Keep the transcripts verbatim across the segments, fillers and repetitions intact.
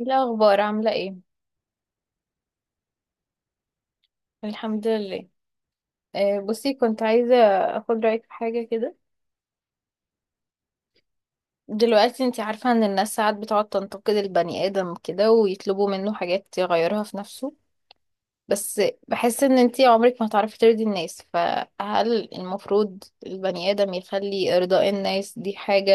إيه الأخبار عاملة ايه؟ الحمد لله. آه، بصي، كنت عايزة أخد رأيك في حاجة كده. دلوقتي انتي عارفة ان الناس ساعات بتقعد تنتقد البني آدم كده ويطلبوا منه حاجات يغيرها في نفسه، بس بحس ان انتي عمرك ما هتعرفي ترضي الناس. فهل المفروض البني آدم يخلي إرضاء الناس دي حاجة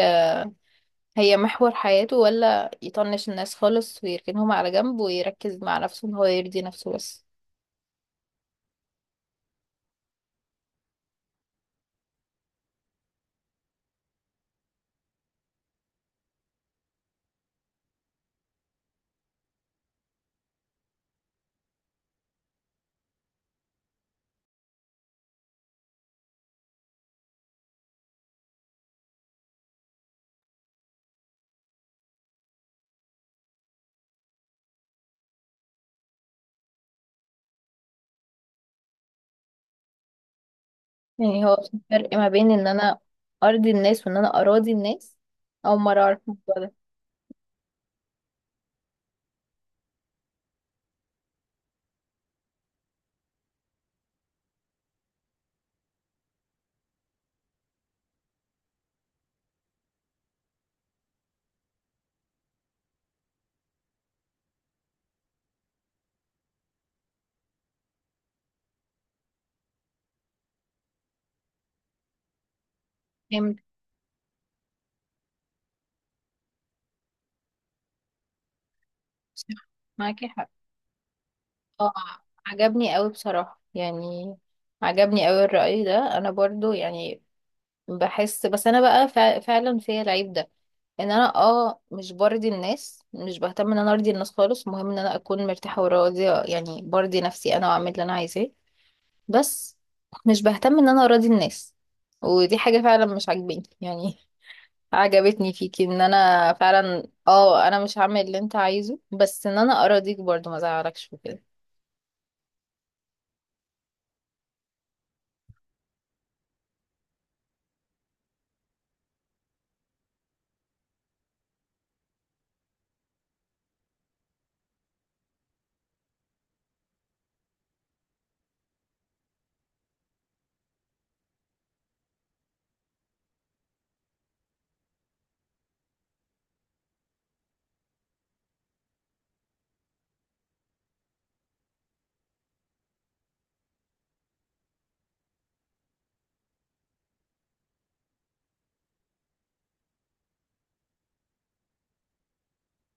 هي محور حياته، ولا يطنش الناس خالص ويركنهم على جنب ويركز مع نفسه ان هو يرضي نفسه بس؟ يعني هو في فرق ما بين ان انا ارضي الناس وان انا اراضي الناس؟ اول مرة اعرف الموضوع ده. فهمت. صح. معاكي حق. اه، عجبني قوي بصراحة يعني، عجبني قوي الرأي ده. انا برضو يعني بحس بس انا بقى فع- فعلا فيا العيب ده، ان انا اه مش برضي الناس، مش بهتم ان انا ارضي الناس خالص. المهم ان انا اكون مرتاحة وراضية، يعني برضي نفسي انا واعمل اللي انا عايزاه، بس مش بهتم ان انا اراضي الناس. ودي حاجة فعلا مش عاجباني يعني. عجبتني فيكي ان انا فعلا، اه، انا مش هعمل اللي انت عايزه بس ان انا اراضيك برضو، ما ازعلكش وكده.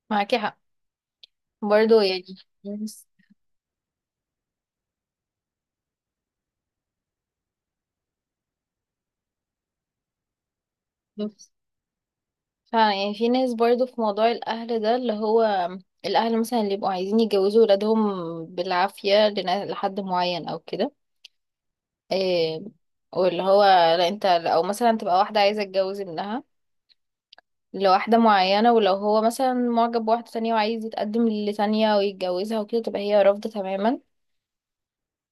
معاكي حق برضو يعني. ناس- ناس- فعلا يعني في ناس برضو في موضوع الاهل ده، اللي هو الاهل مثلا اللي يبقوا عايزين يجوزوا ولادهم بالعافية لنا- لحد معين او كده. إيه، واللي هو لا، انت او مثلا تبقى واحدة عايزة تتجوز ابنها لواحدة معينة، ولو هو مثلا معجب بواحدة تانية وعايز يتقدم لتانية ويتجوزها وكده تبقى هي رافضة تماما.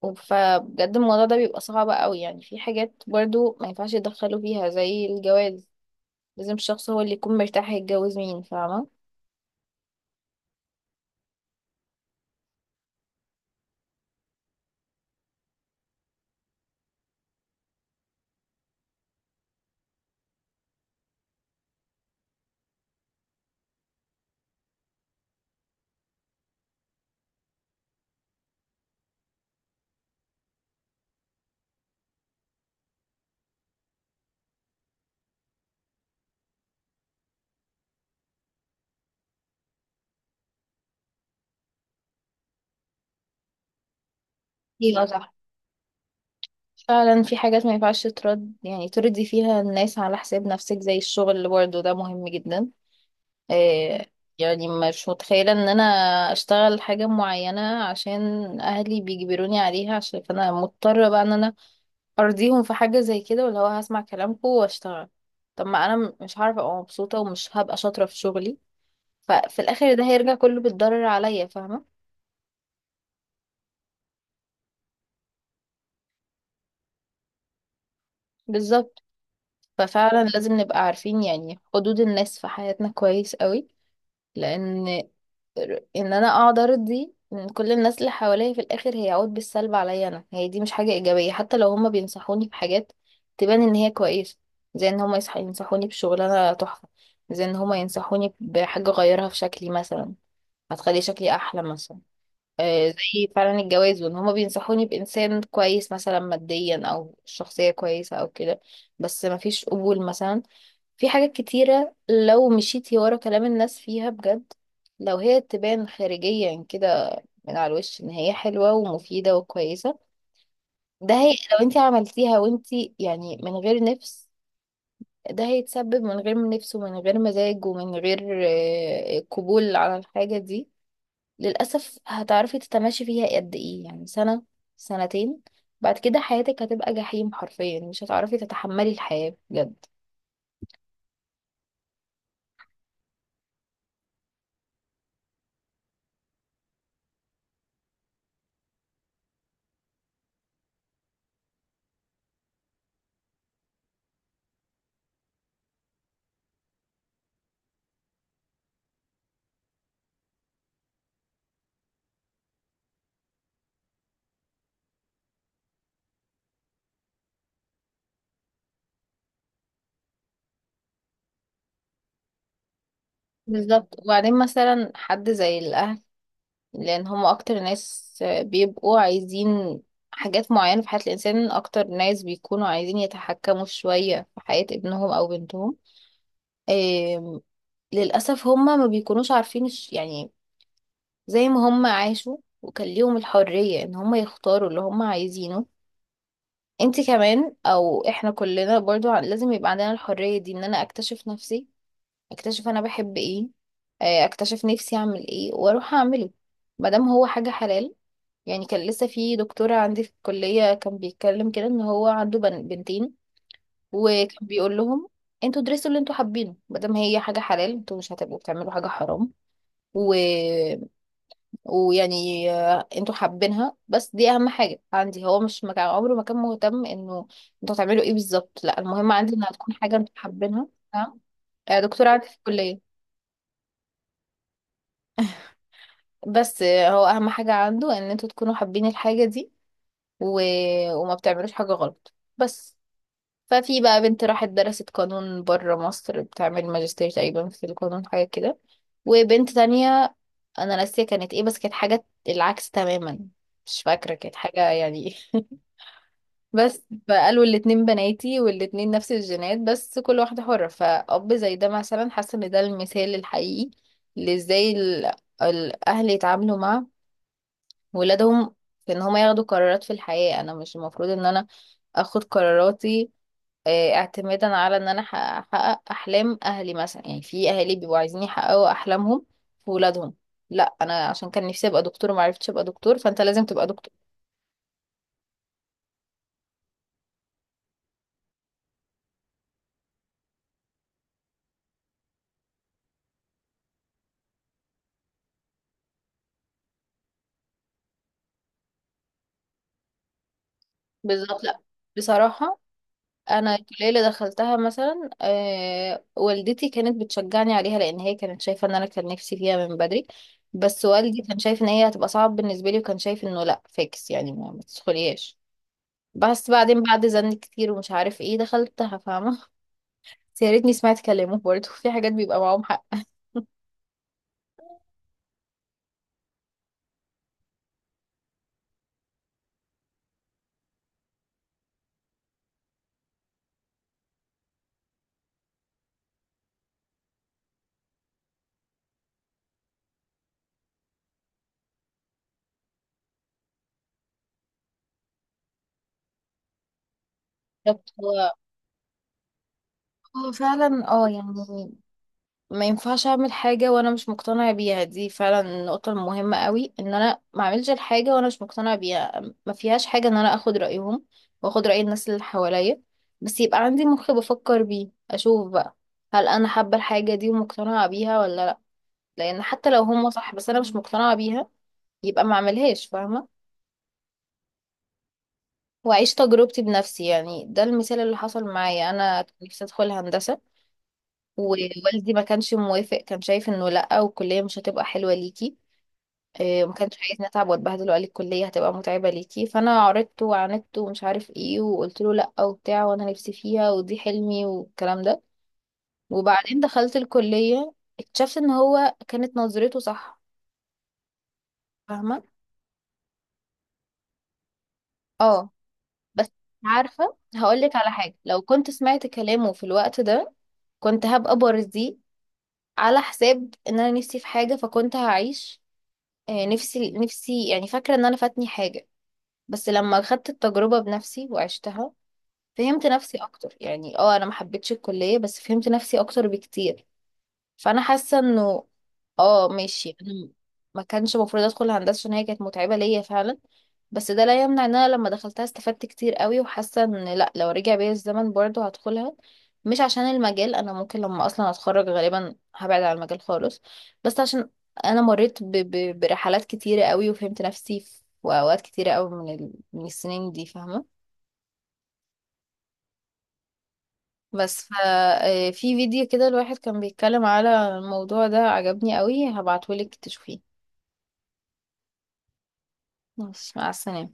وب- فبجد الموضوع ده بيبقى صعب قوي يعني. في حاجات برضو ما ينفعش يتدخلوا فيها زي الجواز. لازم الشخص هو اللي يكون مرتاح يتجوز مين، فاهمة. ايوه صح. فعلا في حاجات ما ينفعش ترد يعني ترضي فيها الناس على حساب نفسك، زي الشغل اللي برضه ده مهم جدا. إيه، يعني مش متخيلة ان انا اشتغل حاجة معينة عشان اهلي بيجبروني عليها، عشان فانا مضطرة بقى ان انا ارضيهم في حاجه زي كده، ولا هو هسمع كلامكم واشتغل؟ طب ما انا م- مش هعرف ابقى مبسوطه ومش هبقى شاطره في شغلي، ففي الاخر ده هيرجع كله بالضرر عليا، فاهمه. بالظبط. ففعلا لازم نبقى عارفين يعني حدود الناس في حياتنا كويس قوي، لان ان انا اقعد ارضي من كل الناس اللي حواليا في الاخر هيعود بالسلب عليا انا. هي دي مش حاجه ايجابيه. حتى لو هما بينصحوني بحاجات تبان ان هي كويسه، زي ان هما يصح- ينصحوني بشغلانه تحفه، زي ان هما ينصحوني بحاجه اغيرها في شكلي مثلا هتخلي شكلي احلى مثلا، آه زي فعلا الجواز، وان هما بينصحوني بانسان كويس مثلا ماديا او شخصيه كويسه او كده، بس مفيش قبول مثلا. في حاجات كتيرة لو مشيتي ورا كلام الناس فيها بجد، لو هي تبان خارجيا كده من على الوش ان هي حلوة ومفيدة وكويسة، ده هي لو انت عملتيها وانت يعني من غير نفس، ده هيتسبب من غير نفس ومن غير مزاج ومن غير آه، قبول على الحاجة دي. للأسف هتعرفي تتماشي فيها قد ايه يعني؟ سنة، سنتين، بعد كده حياتك هتبقى جحيم حرفيا، مش هتعرفي تتحملي الحياة بجد. بالظبط. وبعدين مثلا حد زي الأهل، لان هم اكتر ناس بيبقوا عايزين حاجات معينة في حياة الانسان، اكتر ناس بيكونوا عايزين يتحكموا شوية في حياة ابنهم او بنتهم. آم، للاسف هم ما بيكونوش عارفين الش- يعني زي ما هم عاشوا وكان ليهم الحرية ان هم يختاروا اللي هم عايزينه، انت كمان او احنا كلنا برضو ع- لازم يبقى عندنا الحرية دي، ان انا اكتشف نفسي، اكتشف انا بحب ايه، آه، اكتشف نفسي اعمل ايه واروح اعمله، مادام هو حاجة حلال. يعني كان لسه في دكتورة عندي في الكلية كان بيتكلم كده ان هو عنده بن- بنتين، وكان بيقول لهم انتوا درسوا اللي انتوا حابينه مادام هي حاجة حلال، انتوا مش هتبقوا بتعملوا حاجة حرام، و... ويعني آه، انتوا حابينها، بس دي اهم حاجة عندي. هو مش مكان عمره ما كان مهتم انه انتوا هتعملوا ايه بالظبط، لا المهم عندي انها تكون حاجة انتوا حابينها. نعم. آه، دكتورة عندي في الكلية. بس آه، هو اهم حاجة عنده ان انتوا تكونوا حابين الحاجة دي و... وما بتعملوش حاجة غلط بس. ففي بقى بنت راحت درست قانون بره مصر، بتعمل ماجستير تقريبا في القانون حاجة كده، وبنت تانية أنا ناسية كانت ايه بس كانت حاجة العكس تماما، مش فاكرة كانت حاجة يعني. بس فقالوا الاتنين بناتي والاتنين نفس الجينات بس كل واحدة حرة. فأب زي ده مثلا حاسة ان ده المثال الحقيقي لازاي ال- الأهل يتعاملوا مع ولادهم في ان هما ياخدوا قرارات في الحياة. انا مش المفروض ان انا اخد قراراتي آه، اعتمادا على ان انا أح- احقق احلام اهلي مثلا. يعني في اهالي بيبقوا عايزين يحققوا احلامهم في ولادهم. لا، انا عشان كان نفسي ابقى دكتور وما عرفتش ابقى دكتور فانت لازم تبقى دكتور. بالظبط. لا بصراحة، انا الكلية اللي دخلتها مثلا، آه، والدتي كانت بتشجعني عليها لان هي كانت شايفة ان انا كان نفسي فيها من بدري، بس والدي كان شايف ان هي هتبقى صعب بالنسبة لي، وكان شايف انه لا، فيكس يعني، ما ما تدخليهاش. بس بعدين بعد زن كتير ومش عارف ايه دخلتها، فاهمة. بس يا ريتني سمعت كلامه برضه. في حاجات بيبقى معاهم حق. بالظبط، هو هو فعلا اه يعني ما ينفعش اعمل حاجة وانا مش مقتنع بيها. دي فعلا النقطة المهمة قوي، ان انا ما اعملش الحاجة وانا مش مقتنع بيها. ما فيهاش حاجة ان انا اخد رأيهم واخد رأي الناس اللي حواليا، بس يبقى عندي مخ بفكر بيه اشوف بقى هل انا حابة الحاجة دي ومقتنعة بيها ولا لا. لان حتى لو هم صح بس انا مش مقتنعة بيها يبقى ما اعملهاش، فاهمة. واعيش تجربتي بنفسي. يعني ده المثال اللي حصل معايا، انا كان نفسي ادخل هندسه، ووالدي ما كانش موافق، كان شايف انه لا، والكليه مش هتبقى حلوه ليكي. إيه، ما كانش عايز نتعب واتبهدل، وقال لي الكليه هتبقى متعبه ليكي، فانا عرضت وعاندت ومش عارف ايه، وقلت له لا وبتاع وانا نفسي فيها ودي حلمي والكلام ده. وبعدين دخلت الكليه، اكتشفت ان هو كانت نظرته صح، فاهمه. اه بس عارفه هقول لك على حاجه، لو كنت سمعت كلامه في الوقت ده كنت هبقى برزي على حساب ان انا نفسي في حاجة، فكنت هعيش آه، نفسي نفسي يعني فاكرة ان انا فاتني حاجة. بس لما خدت التجربة بنفسي وعشتها فهمت نفسي اكتر، يعني اه انا ما حبيتش الكلية بس فهمت نفسي اكتر بكتير. فانا حاسه انه اه ماشي، انا ما كانش المفروض ادخل هندسه عشان هي كانت متعبه ليا فعلا، بس ده لا يمنع ان انا لما دخلتها استفدت كتير قوي، وحاسه ان لا، لو رجع بيا الزمن برضه هدخلها. مش عشان المجال، انا ممكن لما اصلا اتخرج غالبا هبعد عن المجال خالص، بس عشان انا مريت ب... ب... برحلات كتيره قوي، وفهمت نفسي في اوقات كتيره قوي من ال... من السنين دي، فاهمه. بس ف- آه، في فيديو كده الواحد كان بيتكلم على الموضوع ده، عجبني قوي، هبعتهولك تشوفيه. ماشي، مع السلامة.